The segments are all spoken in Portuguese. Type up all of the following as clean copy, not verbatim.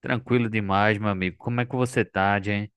Tranquilo demais, meu amigo. Como é que você tá, Jen?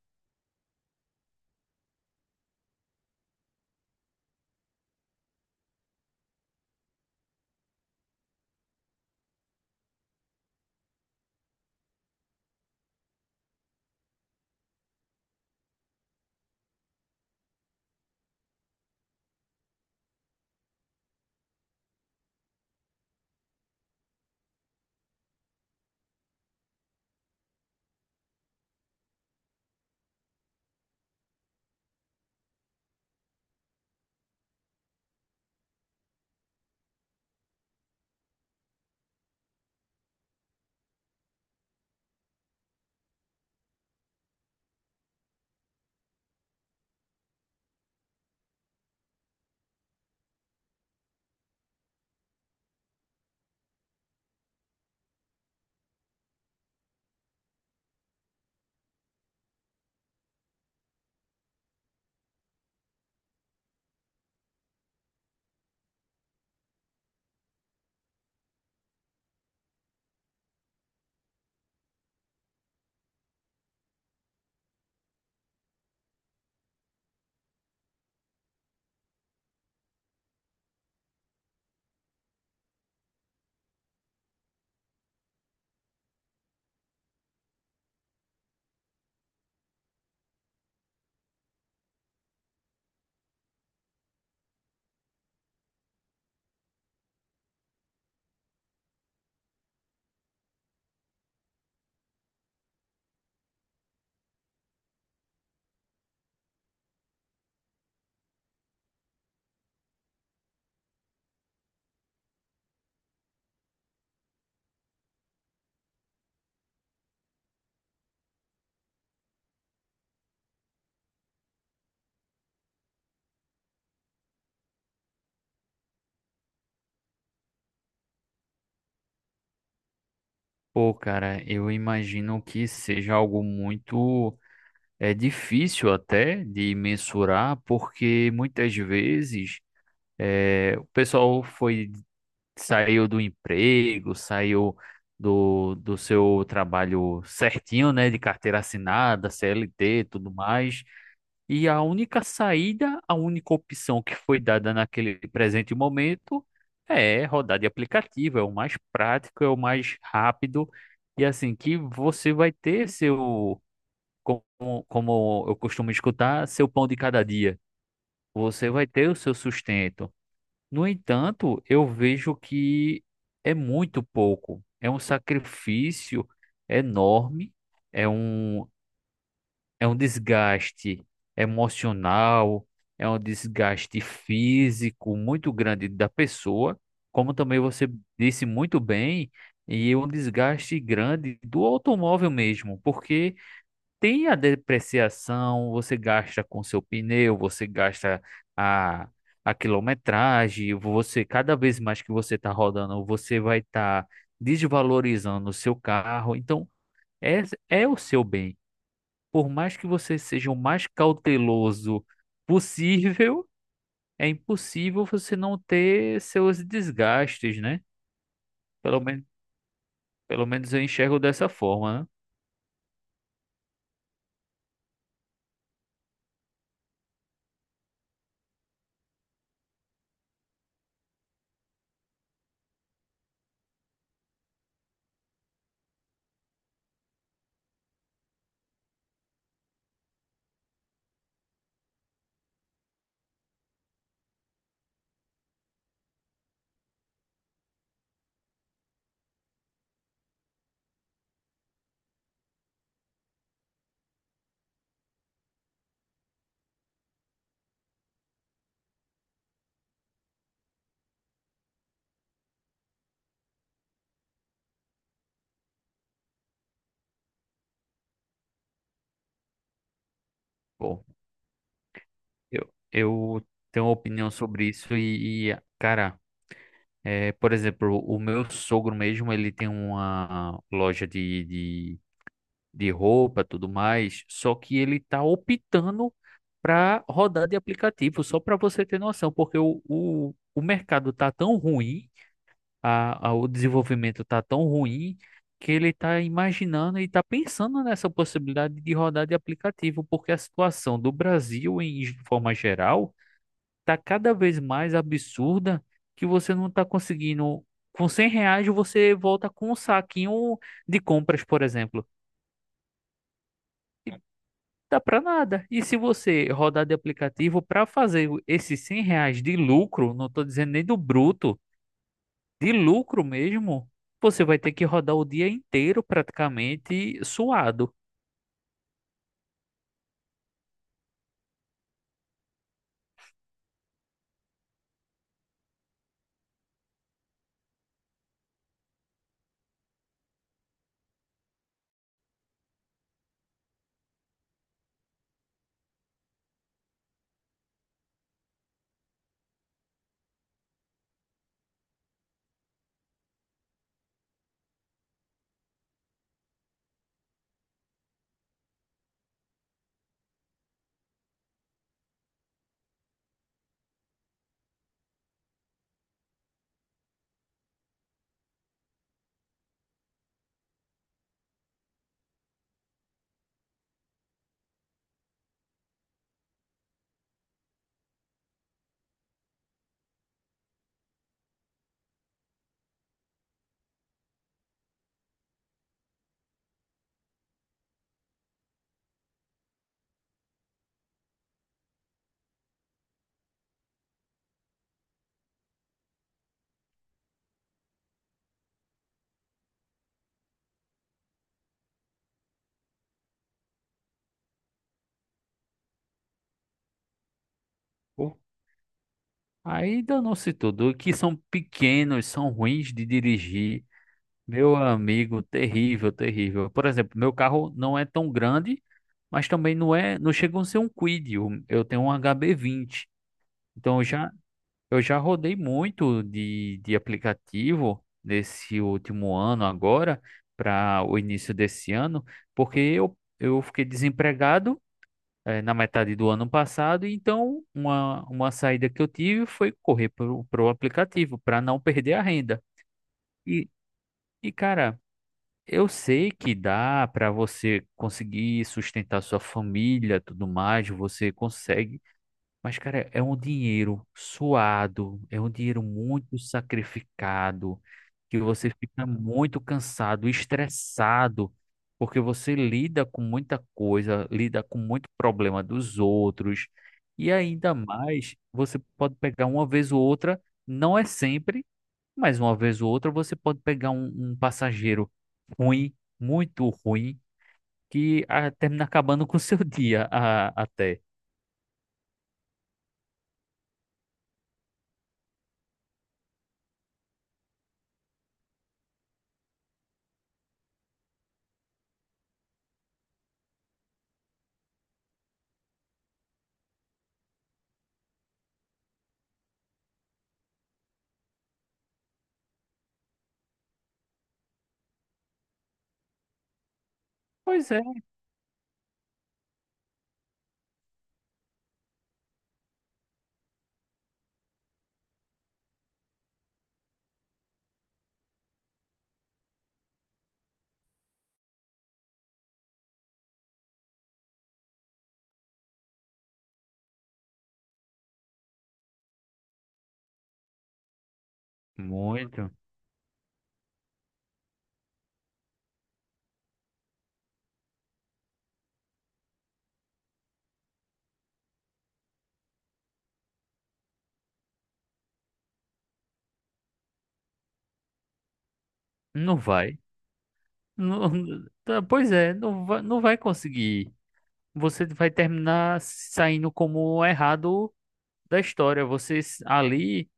Pô, cara, eu imagino que seja algo muito difícil até de mensurar, porque muitas vezes o pessoal foi saiu do emprego, saiu do seu trabalho certinho, né, de carteira assinada, CLT, tudo mais. E a única saída, a única opção que foi dada naquele presente momento é rodar de aplicativo, é o mais prático, é o mais rápido, e assim que você vai ter seu, como, como eu costumo escutar, seu pão de cada dia. Você vai ter o seu sustento. No entanto, eu vejo que é muito pouco, é um sacrifício enorme, é um, é um desgaste emocional, é um desgaste físico muito grande da pessoa, como também você disse muito bem, e é um desgaste grande do automóvel mesmo, porque tem a depreciação, você gasta com seu pneu, você gasta a, a quilometragem, você cada vez mais que você está rodando, você vai estar desvalorizando o seu carro, então é, é o seu bem, por mais que você seja o mais cauteloso possível, é impossível você não ter seus desgastes, né? Pelo menos, pelo menos eu enxergo dessa forma, né? Bom, eu tenho uma opinião sobre isso e, cara, é, por exemplo, o meu sogro mesmo, ele tem uma loja de roupa, tudo mais, só que ele tá optando para rodar de aplicativo, só para você ter noção, porque o mercado tá tão ruim a- o desenvolvimento tá tão ruim que ele tá imaginando e tá pensando nessa possibilidade de rodar de aplicativo, porque a situação do Brasil, em ge- forma geral, tá cada vez mais absurda que você não tá conseguindo. Com 100 reais você volta com um saquinho de compras, por exemplo. Dá para nada. E se você rodar de aplicativo para fazer o- esses 100 reais de lucro, não estou dizendo nem do bruto, de lucro mesmo, você vai ter que rodar o dia inteiro praticamente suado. Pô, aí danou-se tudo. Que são pequenos, são ruins de dirigir. Meu amigo, terrível, terrível. Por exemplo, meu carro não é tão grande, mas também não é, não chega a ser um Kwid. Eu tenho um HB20. Então eu já rodei muito de aplicativo nesse último ano agora para o início desse ano, porque eu fiquei desempregado na metade do ano passado. Então, uma saída que eu tive foi correr para o aplicativo para não perder a renda. E, e, cara, eu sei que dá para você conseguir sustentar sua família, tudo mais, você consegue, mas, cara, é um dinheiro suado, é um dinheiro muito sacrificado, que você fica muito cansado, estressado, porque você lida com muita coisa, lida com muito problema dos outros, e ainda mais, você pode pegar uma vez ou outra, não é sempre, mas uma vez ou outra você pode pegar um passageiro ruim, muito ruim, que ah, termina acabando com o seu dia a- até. Pois é, muito. Não vai. Não- tá, pois é, não vai, não vai conseguir. Você vai terminar saindo como errado da história. Você s- ali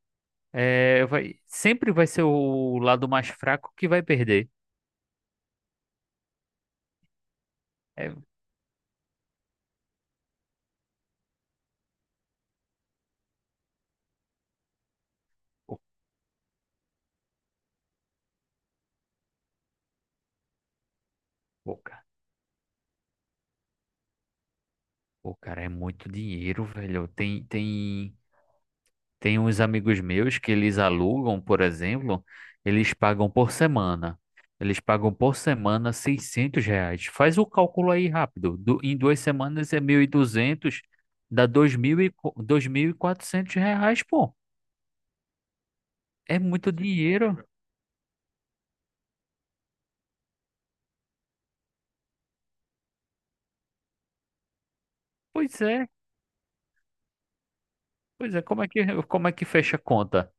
é, vai, sempre vai ser o lado mais fraco que vai perder. É, o, o, ca- o cara é muito dinheiro, velho. Tem, tem tem uns amigos meus que eles alugam, por exemplo, eles pagam por semana. Eles pagam por semana 600 reais. Faz o cálculo aí rápido. Du- em duas semanas é 1.200, dá dois mil e co- 2.400 reais, pô. É muito dinheiro. Pois é, pois é. Como é que fecha a conta?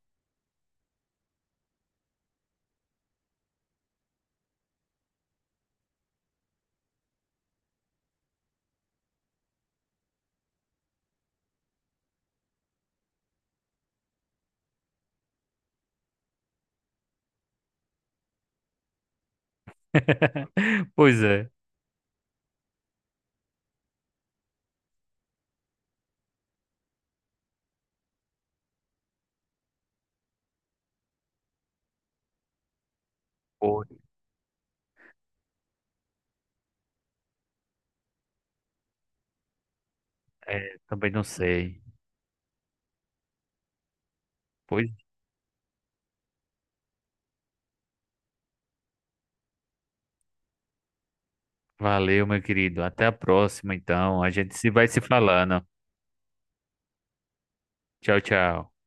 Pois é. Pô, é, também não sei. Pois valeu, meu querido. Até a próxima, então. A gente se vai se falando. Tchau, tchau.